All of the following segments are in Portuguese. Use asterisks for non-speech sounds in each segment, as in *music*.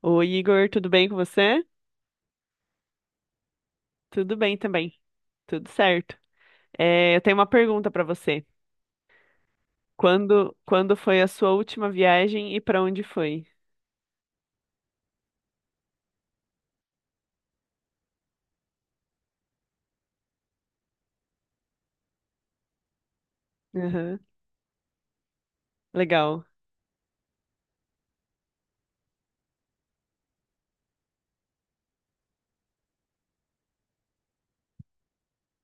Oi, Igor, tudo bem com você? Tudo bem também, tudo certo. É, eu tenho uma pergunta para você. Quando foi a sua última viagem e para onde foi? Aham, legal.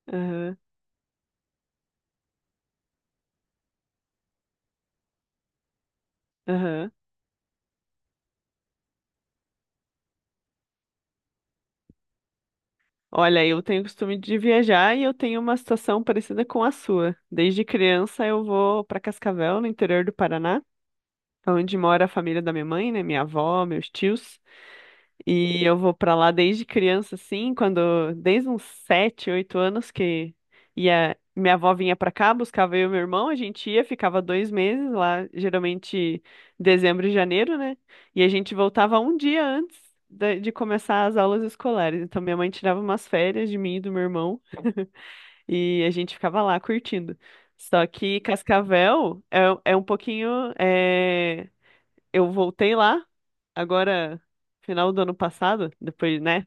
Aham, aham. Olha, eu tenho costume de viajar e eu tenho uma situação parecida com a sua. Desde criança eu vou para Cascavel, no interior do Paraná, onde mora a família da minha mãe, né? Minha avó, meus tios. E eu vou pra lá desde criança, assim, desde uns 7, 8 anos que ia, minha avó vinha pra cá, buscava eu e meu irmão, a gente ia, ficava 2 meses lá, geralmente dezembro e janeiro, né? E a gente voltava um dia antes de começar as aulas escolares. Então minha mãe tirava umas férias de mim e do meu irmão e a gente ficava lá curtindo. Só que Cascavel é um pouquinho eh, eu voltei lá, agora, final do ano passado, depois, né?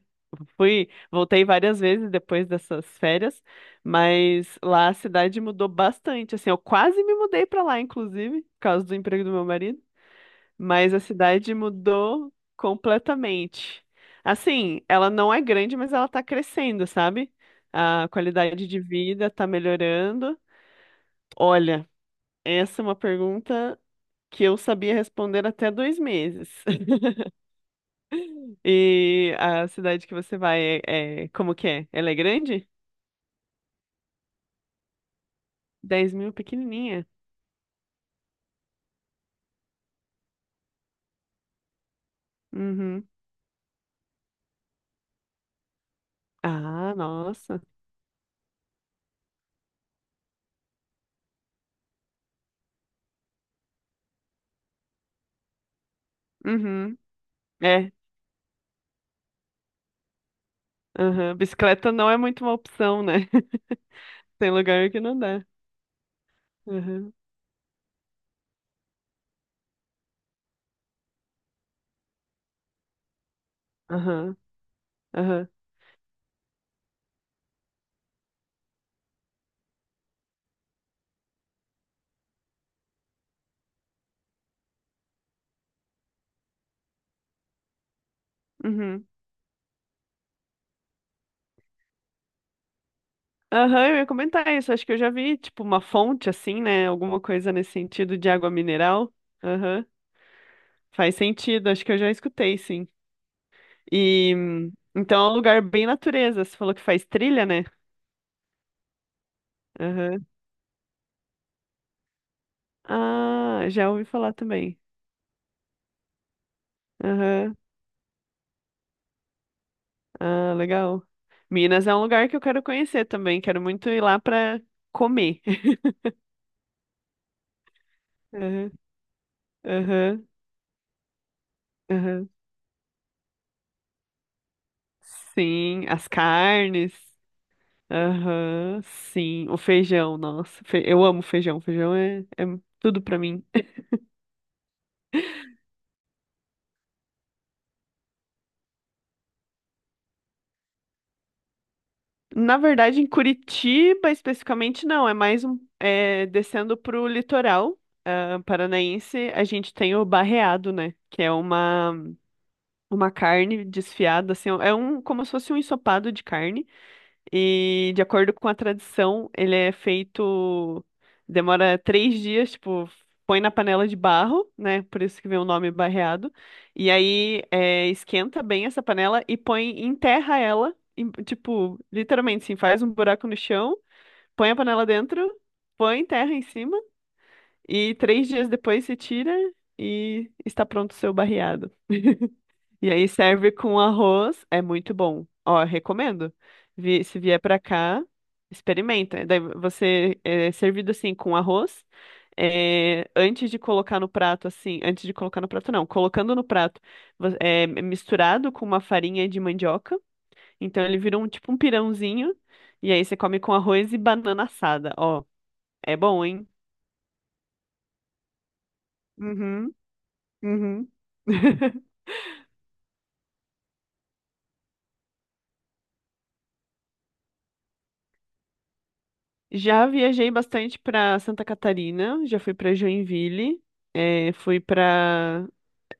Fui, voltei várias vezes depois dessas férias, mas lá a cidade mudou bastante, assim, eu quase me mudei pra lá, inclusive, por causa do emprego do meu marido, mas a cidade mudou completamente. Assim, ela não é grande, mas ela tá crescendo, sabe? A qualidade de vida tá melhorando. Olha, essa é uma pergunta que eu sabia responder até 2 meses. E a cidade que você vai como que é? Ela é grande? 10 mil, pequenininha. Uhum. Ah, nossa. Uhum. É. Uhum. Bicicleta não é muito uma opção, né? *laughs* Tem lugar que não dá. Aham, aham, aham, uhum. Aham, eu ia comentar isso. Acho que eu já vi, tipo, uma fonte assim, né? Alguma coisa nesse sentido de água mineral. Aham, faz sentido. Acho que eu já escutei, sim. E então é um lugar bem natureza. Você falou que faz trilha, né? Ah, já ouvi falar também. Aham. Ah, legal. Minas é um lugar que eu quero conhecer também. Quero muito ir lá pra comer. *laughs* Aham, aham, aham. Sim, as carnes. Aham, sim. O feijão, nossa. Eu amo feijão. Feijão é tudo pra mim. *laughs* Na verdade, em Curitiba especificamente não, é mais um descendo para o litoral paranaense, a gente tem o Barreado, né? Que é uma carne desfiada, assim, é um como se fosse um ensopado de carne. E de acordo com a tradição, ele é feito, demora 3 dias, tipo, põe na panela de barro, né? Por isso que vem o nome barreado. E aí esquenta bem essa panela e põe, enterra ela, tipo, literalmente, assim, faz um buraco no chão, põe a panela dentro, põe terra em cima e 3 dias depois se tira e está pronto o seu barreado. E aí serve com arroz, é muito bom. Ó, recomendo. Se vier pra cá, experimenta. Daí você é servido assim com arroz. Antes de colocar no prato, assim, antes de colocar no prato, não, colocando no prato, é misturado com uma farinha de mandioca. Então ele vira um tipo um pirãozinho. E aí você come com arroz e banana assada. Ó, é bom, hein? Uhum, uhum. *laughs* Já viajei bastante para Santa Catarina, já fui para Joinville, fui para,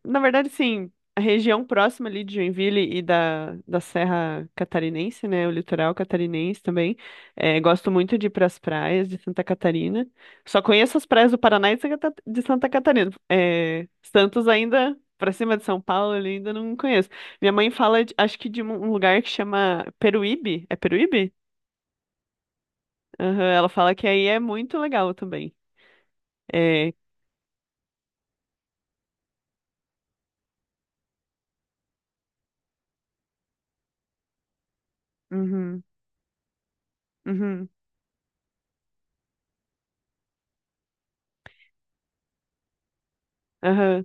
na verdade, sim, a região próxima ali de Joinville e da Serra Catarinense, né, o litoral catarinense também. Gosto muito de ir para as praias de Santa Catarina. Só conheço as praias do Paraná e de de Santa Catarina. Santos ainda para cima de São Paulo, ali ainda não conheço. Minha mãe fala, acho que de um lugar que chama Peruíbe. É Peruíbe? Aham, ela fala que aí é muito legal também. É. Uhum, uhum, aham.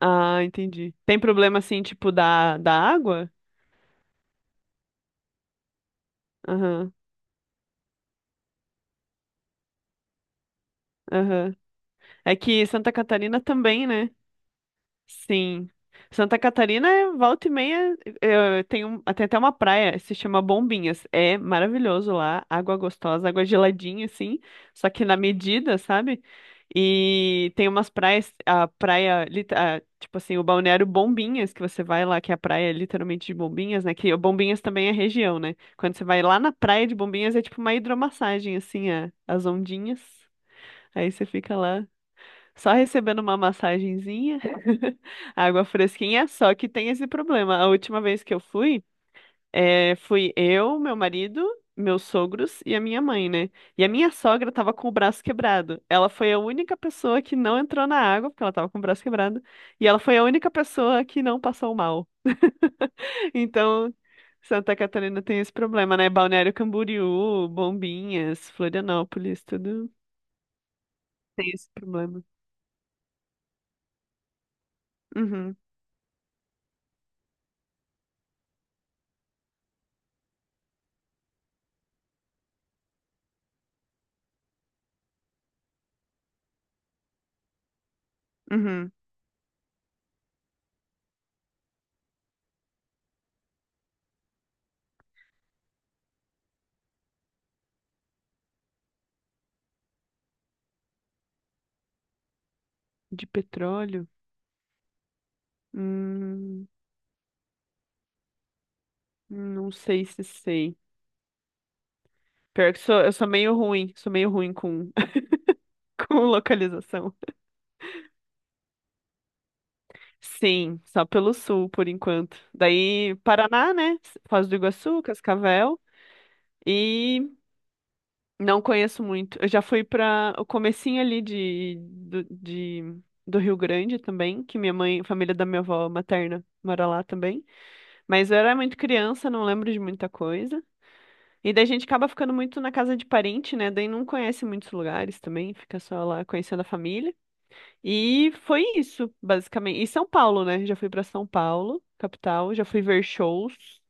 Ah, entendi. Tem problema assim, tipo, da água? Aham, aham. É que Santa Catarina também, né? Sim. Santa Catarina, é volta e meia, tem até uma praia, se chama Bombinhas. É maravilhoso lá, água gostosa, água geladinha, assim, só que na medida, sabe? E tem umas praias, a praia, a, tipo assim, o balneário Bombinhas, que você vai lá, que é a praia literalmente de Bombinhas, né? Que o Bombinhas também é região, né? Quando você vai lá na praia de Bombinhas, é tipo uma hidromassagem, assim, as ondinhas. Aí você fica lá. Só recebendo uma massagenzinha, *laughs* água fresquinha, só que tem esse problema. A última vez que eu fui, fui eu, meu marido, meus sogros e a minha mãe, né? E a minha sogra tava com o braço quebrado. Ela foi a única pessoa que não entrou na água, porque ela tava com o braço quebrado, e ela foi a única pessoa que não passou mal. *laughs* Então, Santa Catarina tem esse problema, né? Balneário Camboriú, Bombinhas, Florianópolis, tudo tem esse problema. Uhum, uhum. De petróleo. Hum, não sei se sei. Pior que sou, eu sou meio ruim com, *laughs* com localização. Sim, só pelo sul, por enquanto. Daí, Paraná, né? Foz do Iguaçu, Cascavel. E não conheço muito. Eu já fui para o comecinho ali do Rio Grande também, que minha mãe, a família da minha avó materna mora lá também. Mas eu era muito criança, não lembro de muita coisa. E daí a gente acaba ficando muito na casa de parente, né? Daí não conhece muitos lugares também, fica só lá conhecendo a família. E foi isso, basicamente. E São Paulo, né? Já fui pra São Paulo, capital, já fui ver shows.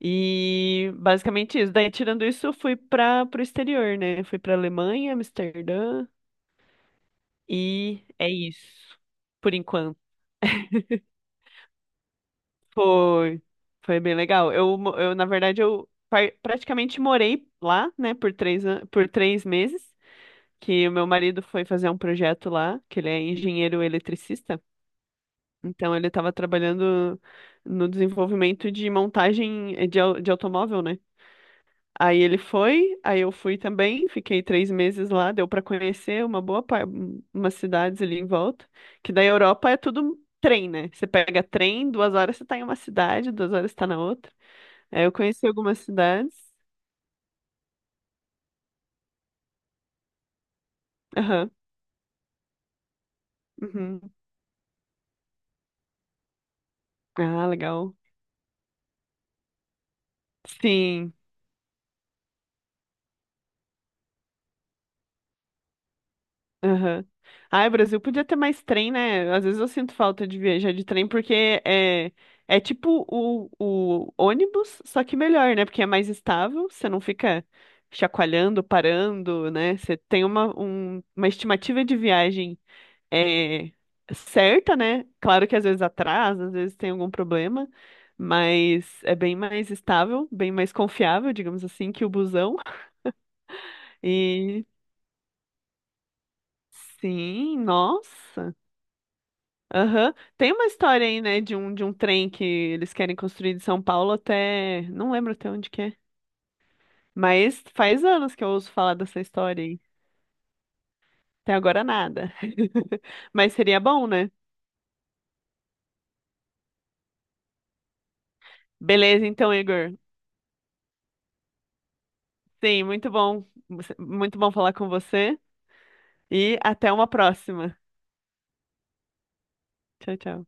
E basicamente isso. Daí, tirando isso, eu fui para pro exterior, né? Fui pra Alemanha, Amsterdã. E é isso, por enquanto. Foi, foi bem legal. Eu na verdade, eu praticamente morei lá, né, por 3 meses. Que o meu marido foi fazer um projeto lá, que ele é engenheiro eletricista. Então ele estava trabalhando no desenvolvimento de montagem de automóvel, né? Aí ele foi, aí eu fui também, fiquei 3 meses lá, deu para conhecer umas cidades ali em volta, que da Europa é tudo trem, né? Você pega trem, 2 horas você tá em uma cidade, 2 horas você tá na outra. Aí eu conheci algumas cidades. Aham. Uhum. Ah, legal. Sim. Aham. Ai, o Brasil podia ter mais trem, né? Às vezes eu sinto falta de viajar de trem, porque é tipo o ônibus, só que melhor, né? Porque é mais estável, você não fica chacoalhando, parando, né? Você tem uma estimativa de viagem é, certa, né? Claro que às vezes atrasa, às vezes tem algum problema, mas é bem mais estável, bem mais confiável, digamos assim, que o busão. E sim, nossa. Aham. Tem uma história aí, né, de um trem que eles querem construir de São Paulo até. Não lembro até onde que é. Mas faz anos que eu ouço falar dessa história aí. Até agora nada. *laughs* Mas seria bom, né? Beleza, então, Igor. Sim, muito bom. Muito bom falar com você. E até uma próxima. Tchau, tchau.